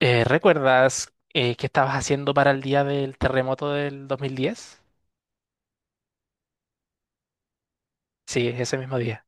¿Recuerdas qué estabas haciendo para el día del terremoto del 2010? Sí, ese mismo día.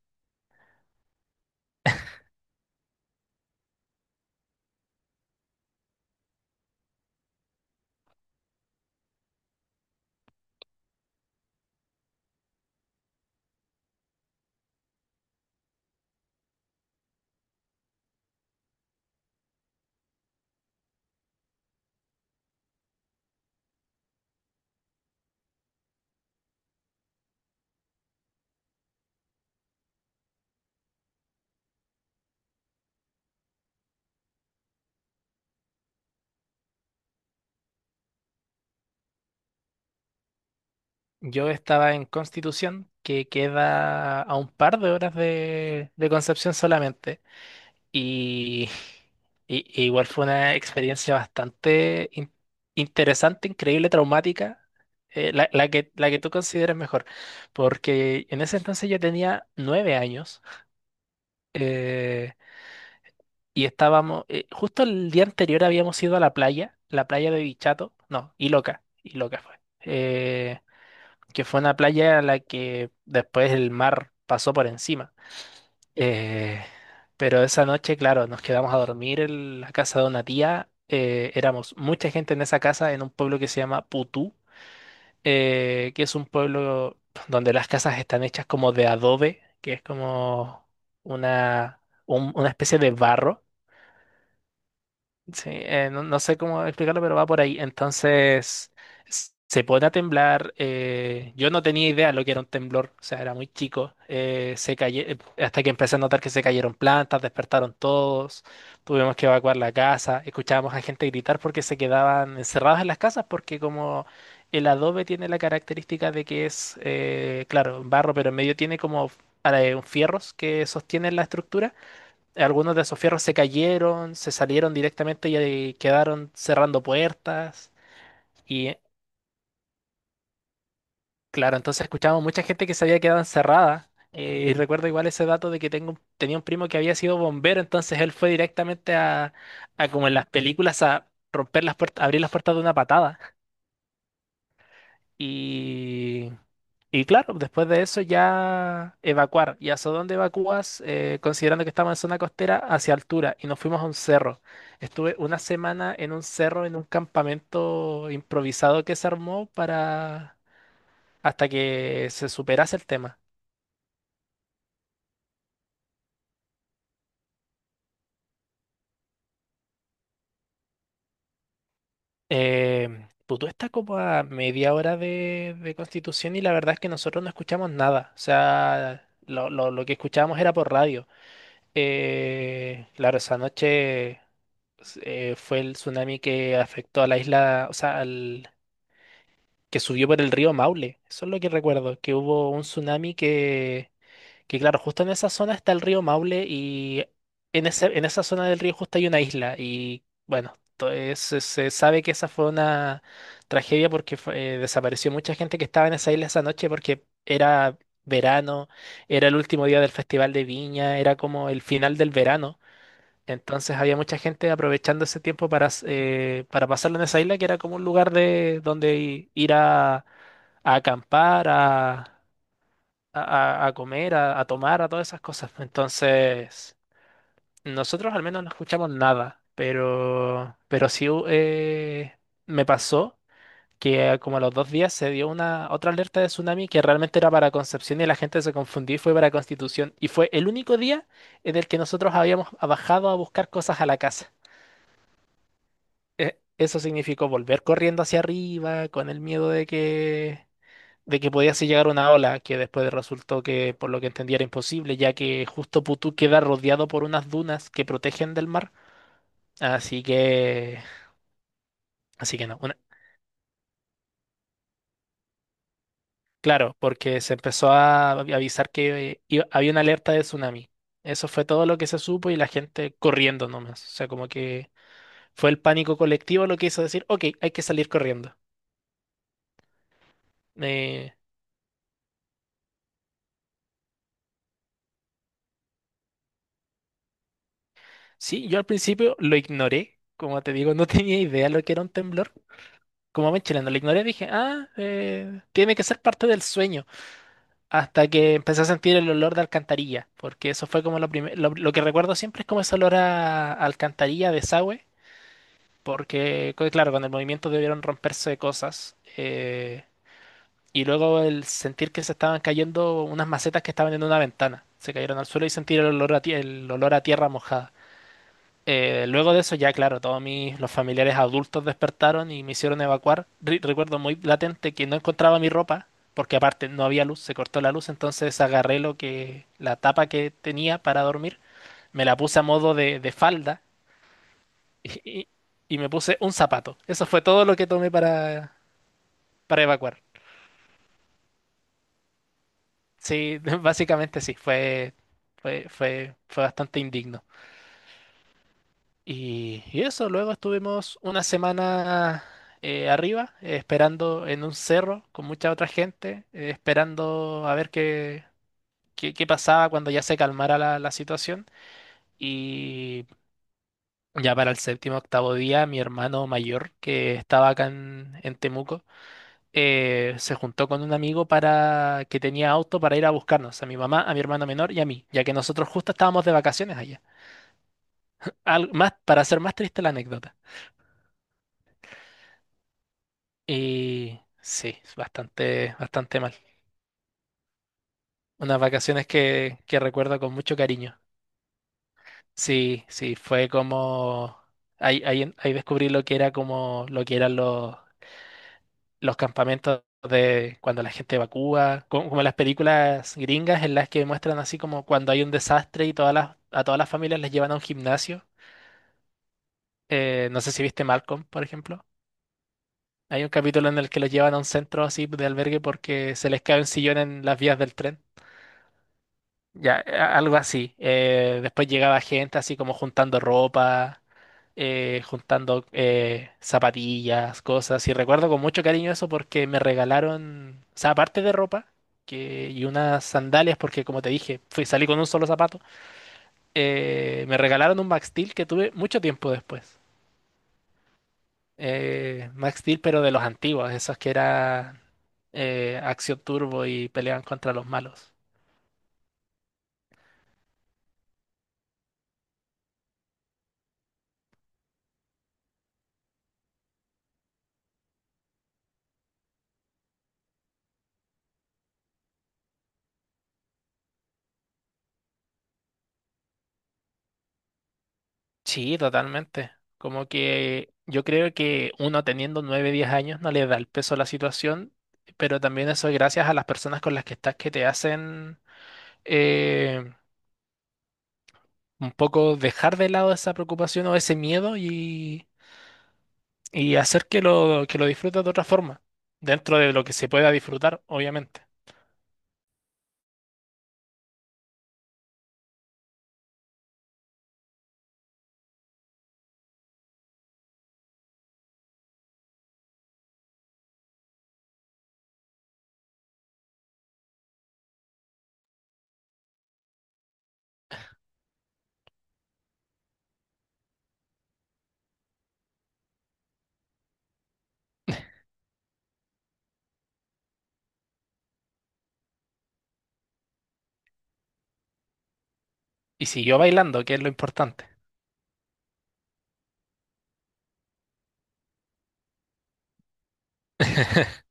Yo estaba en Constitución, que queda a un par de horas de Concepción solamente, y, y igual fue una experiencia bastante interesante, increíble, traumática, la que tú consideres mejor, porque en ese entonces yo tenía 9 años. eh, y estábamos, justo el día anterior habíamos ido a la playa de Bichato, no, Iloca, Iloca fue, que fue una playa a la que después el mar pasó por encima. Eh, pero esa noche, claro, nos quedamos a dormir en la casa de una tía, éramos mucha gente en esa casa, en un pueblo que se llama Putú, que es un pueblo donde las casas están hechas como de adobe, que es como una especie de barro. Sí, no, no sé cómo explicarlo, pero va por ahí. Entonces, se pone a temblar. Yo no tenía idea lo que era un temblor, o sea, era muy chico. Hasta que empecé a notar que se cayeron plantas, despertaron todos, tuvimos que evacuar la casa, escuchábamos a gente gritar porque se quedaban encerrados en las casas, porque como el adobe tiene la característica de que es, claro, barro, pero en medio tiene como fierros que sostienen la estructura. Algunos de esos fierros se cayeron, se salieron directamente y quedaron cerrando puertas. Y claro, entonces escuchábamos mucha gente que se había quedado encerrada. Y recuerdo igual ese dato de que tenía un primo que había sido bombero, entonces él fue directamente a como en las películas, a romper las puertas, abrir las puertas de una patada. Y, y claro, después de eso ya evacuar. ¿Y hacia dónde evacúas? Considerando que estamos en zona costera, hacia altura. Y nos fuimos a un cerro. Estuve una semana en un cerro, en un campamento improvisado que se armó para hasta que se superase el tema. Putú está como a media hora de Constitución y la verdad es que nosotros no escuchamos nada. O sea, lo que escuchábamos era por radio. Claro, esa noche. Pues, fue el tsunami que afectó a la isla, o sea, que subió por el río Maule. Eso es lo que recuerdo, que hubo un tsunami que claro, justo en esa zona está el río Maule y en esa zona del río justo hay una isla y bueno, se sabe que esa fue una tragedia porque desapareció mucha gente que estaba en esa isla esa noche porque era verano, era el último día del Festival de Viña, era como el final del verano. Entonces había mucha gente aprovechando ese tiempo para pasarlo en esa isla, que era como un lugar de donde ir a, acampar, a comer, a tomar, a todas esas cosas. Entonces, nosotros al menos no escuchamos nada, pero sí me pasó que como a los 2 días se dio una otra alerta de tsunami que realmente era para Concepción y la gente se confundió y fue para Constitución. Y fue el único día en el que nosotros habíamos bajado a buscar cosas a la casa. Eso significó volver corriendo hacia arriba con el miedo de que podía así llegar una ola, que después resultó que, por lo que entendí, era imposible, ya que justo Putú queda rodeado por unas dunas que protegen del mar. Así que, así que no. Claro, porque se empezó a avisar que había una alerta de tsunami. Eso fue todo lo que se supo y la gente corriendo nomás. O sea, como que fue el pánico colectivo lo que hizo decir, ok, hay que salir corriendo. Eh, Sí, yo al principio lo ignoré, como te digo, no tenía idea lo que era un temblor. Como me chileno, lo ignoré, dije, tiene que ser parte del sueño. Hasta que empecé a sentir el olor de alcantarilla, porque eso fue como lo primero, lo que recuerdo siempre es como ese olor a, alcantarilla, desagüe, porque, claro, con el movimiento debieron romperse cosas. Y luego el sentir que se estaban cayendo unas macetas que estaban en una ventana, se cayeron al suelo y sentir el olor a tierra mojada. Luego de eso ya, claro, todos los familiares adultos despertaron y me hicieron evacuar. Recuerdo muy latente que no encontraba mi ropa, porque aparte no había luz, se cortó la luz, entonces agarré la tapa que tenía para dormir, me la puse a modo de falda y, y- y me puse un zapato. Eso fue todo lo que tomé para evacuar. Sí, básicamente sí, fue bastante indigno. Y eso, luego estuvimos una semana arriba, esperando en un cerro con mucha otra gente, esperando a ver qué pasaba cuando ya se calmara la situación. Y ya para el séptimo, octavo día, mi hermano mayor, que estaba acá en Temuco, se juntó con un amigo para que tenía auto para ir a buscarnos, a mi mamá, a mi hermano menor y a mí, ya que nosotros justo estábamos de vacaciones allá. Más, para hacer más triste la anécdota. Y sí, es bastante, bastante mal. Unas vacaciones que recuerdo con mucho cariño. Sí, sí, fue como. Ahí descubrí lo que era como lo que eran los campamentos de cuando la gente evacúa, como, las películas gringas en las que muestran así como cuando hay un desastre y a todas las familias les llevan a un gimnasio. No sé si viste Malcolm, por ejemplo. Hay un capítulo en el que los llevan a un centro así de albergue porque se les cae un sillón en las vías del tren. Ya, algo así. Después llegaba gente así como juntando ropa, juntando zapatillas, cosas. Y recuerdo con mucho cariño eso porque me regalaron, o sea, aparte de ropa y unas sandalias, porque como te dije, salí con un solo zapato, me regalaron un Max Steel que tuve mucho tiempo después. Max Steel, pero de los antiguos, esos que eran acción turbo y peleaban contra los malos. Sí, totalmente. Como que yo creo que uno teniendo 9, 10 años no le da el peso a la situación, pero también eso es gracias a las personas con las que estás que te hacen eh, un poco dejar de lado esa preocupación o ese miedo y hacer que que lo disfrutes de otra forma, dentro de lo que se pueda disfrutar, obviamente. Y siguió bailando, que es lo importante.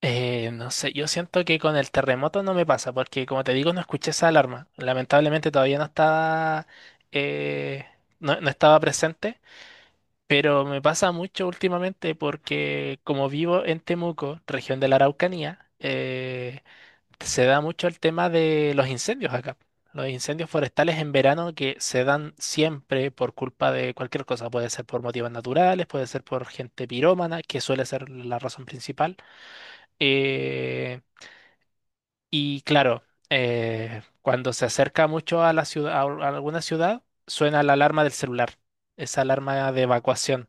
No sé, yo siento que con el terremoto no me pasa, porque como te digo, no escuché esa alarma. Lamentablemente todavía no estaba, eh, no estaba presente, pero me pasa mucho últimamente porque como vivo en Temuco, región de la Araucanía, se da mucho el tema de los incendios acá. Los incendios forestales en verano que se dan siempre por culpa de cualquier cosa. Puede ser por motivos naturales, puede ser por gente pirómana, que suele ser la razón principal. Eh, y claro, cuando se acerca mucho a la ciudad, a alguna ciudad, suena la alarma del celular, esa alarma de evacuación.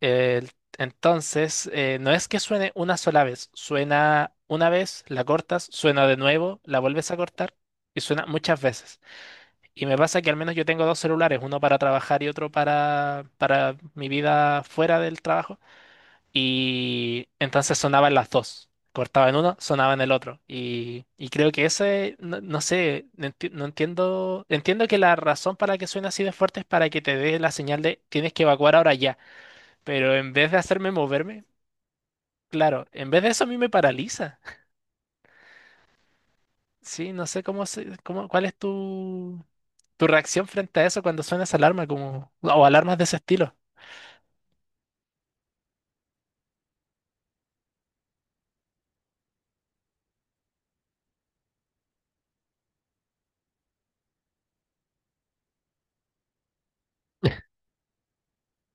El- entonces, no es que suene una sola vez, suena una vez, la cortas, suena de nuevo, la vuelves a cortar y suena muchas veces. Y me pasa que al menos yo tengo dos celulares, uno para trabajar y otro para mi vida fuera del trabajo. Y entonces sonaban las dos. Cortaban uno, sonaban el otro. Y creo que no, no sé, no entiendo. Entiendo que la razón para que suene así de fuerte es para que te dé la señal de tienes que evacuar ahora ya. Pero en vez de hacerme moverme, claro, en vez de eso a mí me paraliza. Sí, no sé cuál es tu reacción frente a eso cuando suena esa alarma o alarmas de ese estilo.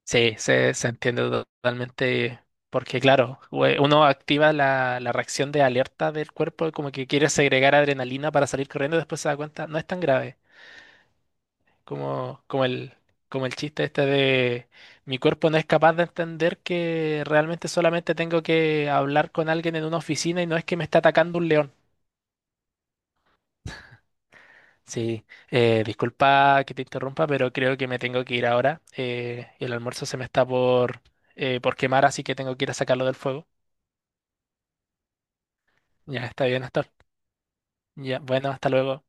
Sí, se entiende totalmente porque, claro, uno activa la reacción de alerta del cuerpo, como que quiere segregar adrenalina para salir corriendo, después se da cuenta, no es tan grave como, como el chiste este de mi cuerpo no es capaz de entender que realmente solamente tengo que hablar con alguien en una oficina y no es que me está atacando un león. Sí, disculpa que te interrumpa, pero creo que me tengo que ir ahora. El almuerzo se me está por quemar, así que tengo que ir a sacarlo del fuego. Ya, está bien, Astor. Ya, bueno, hasta luego.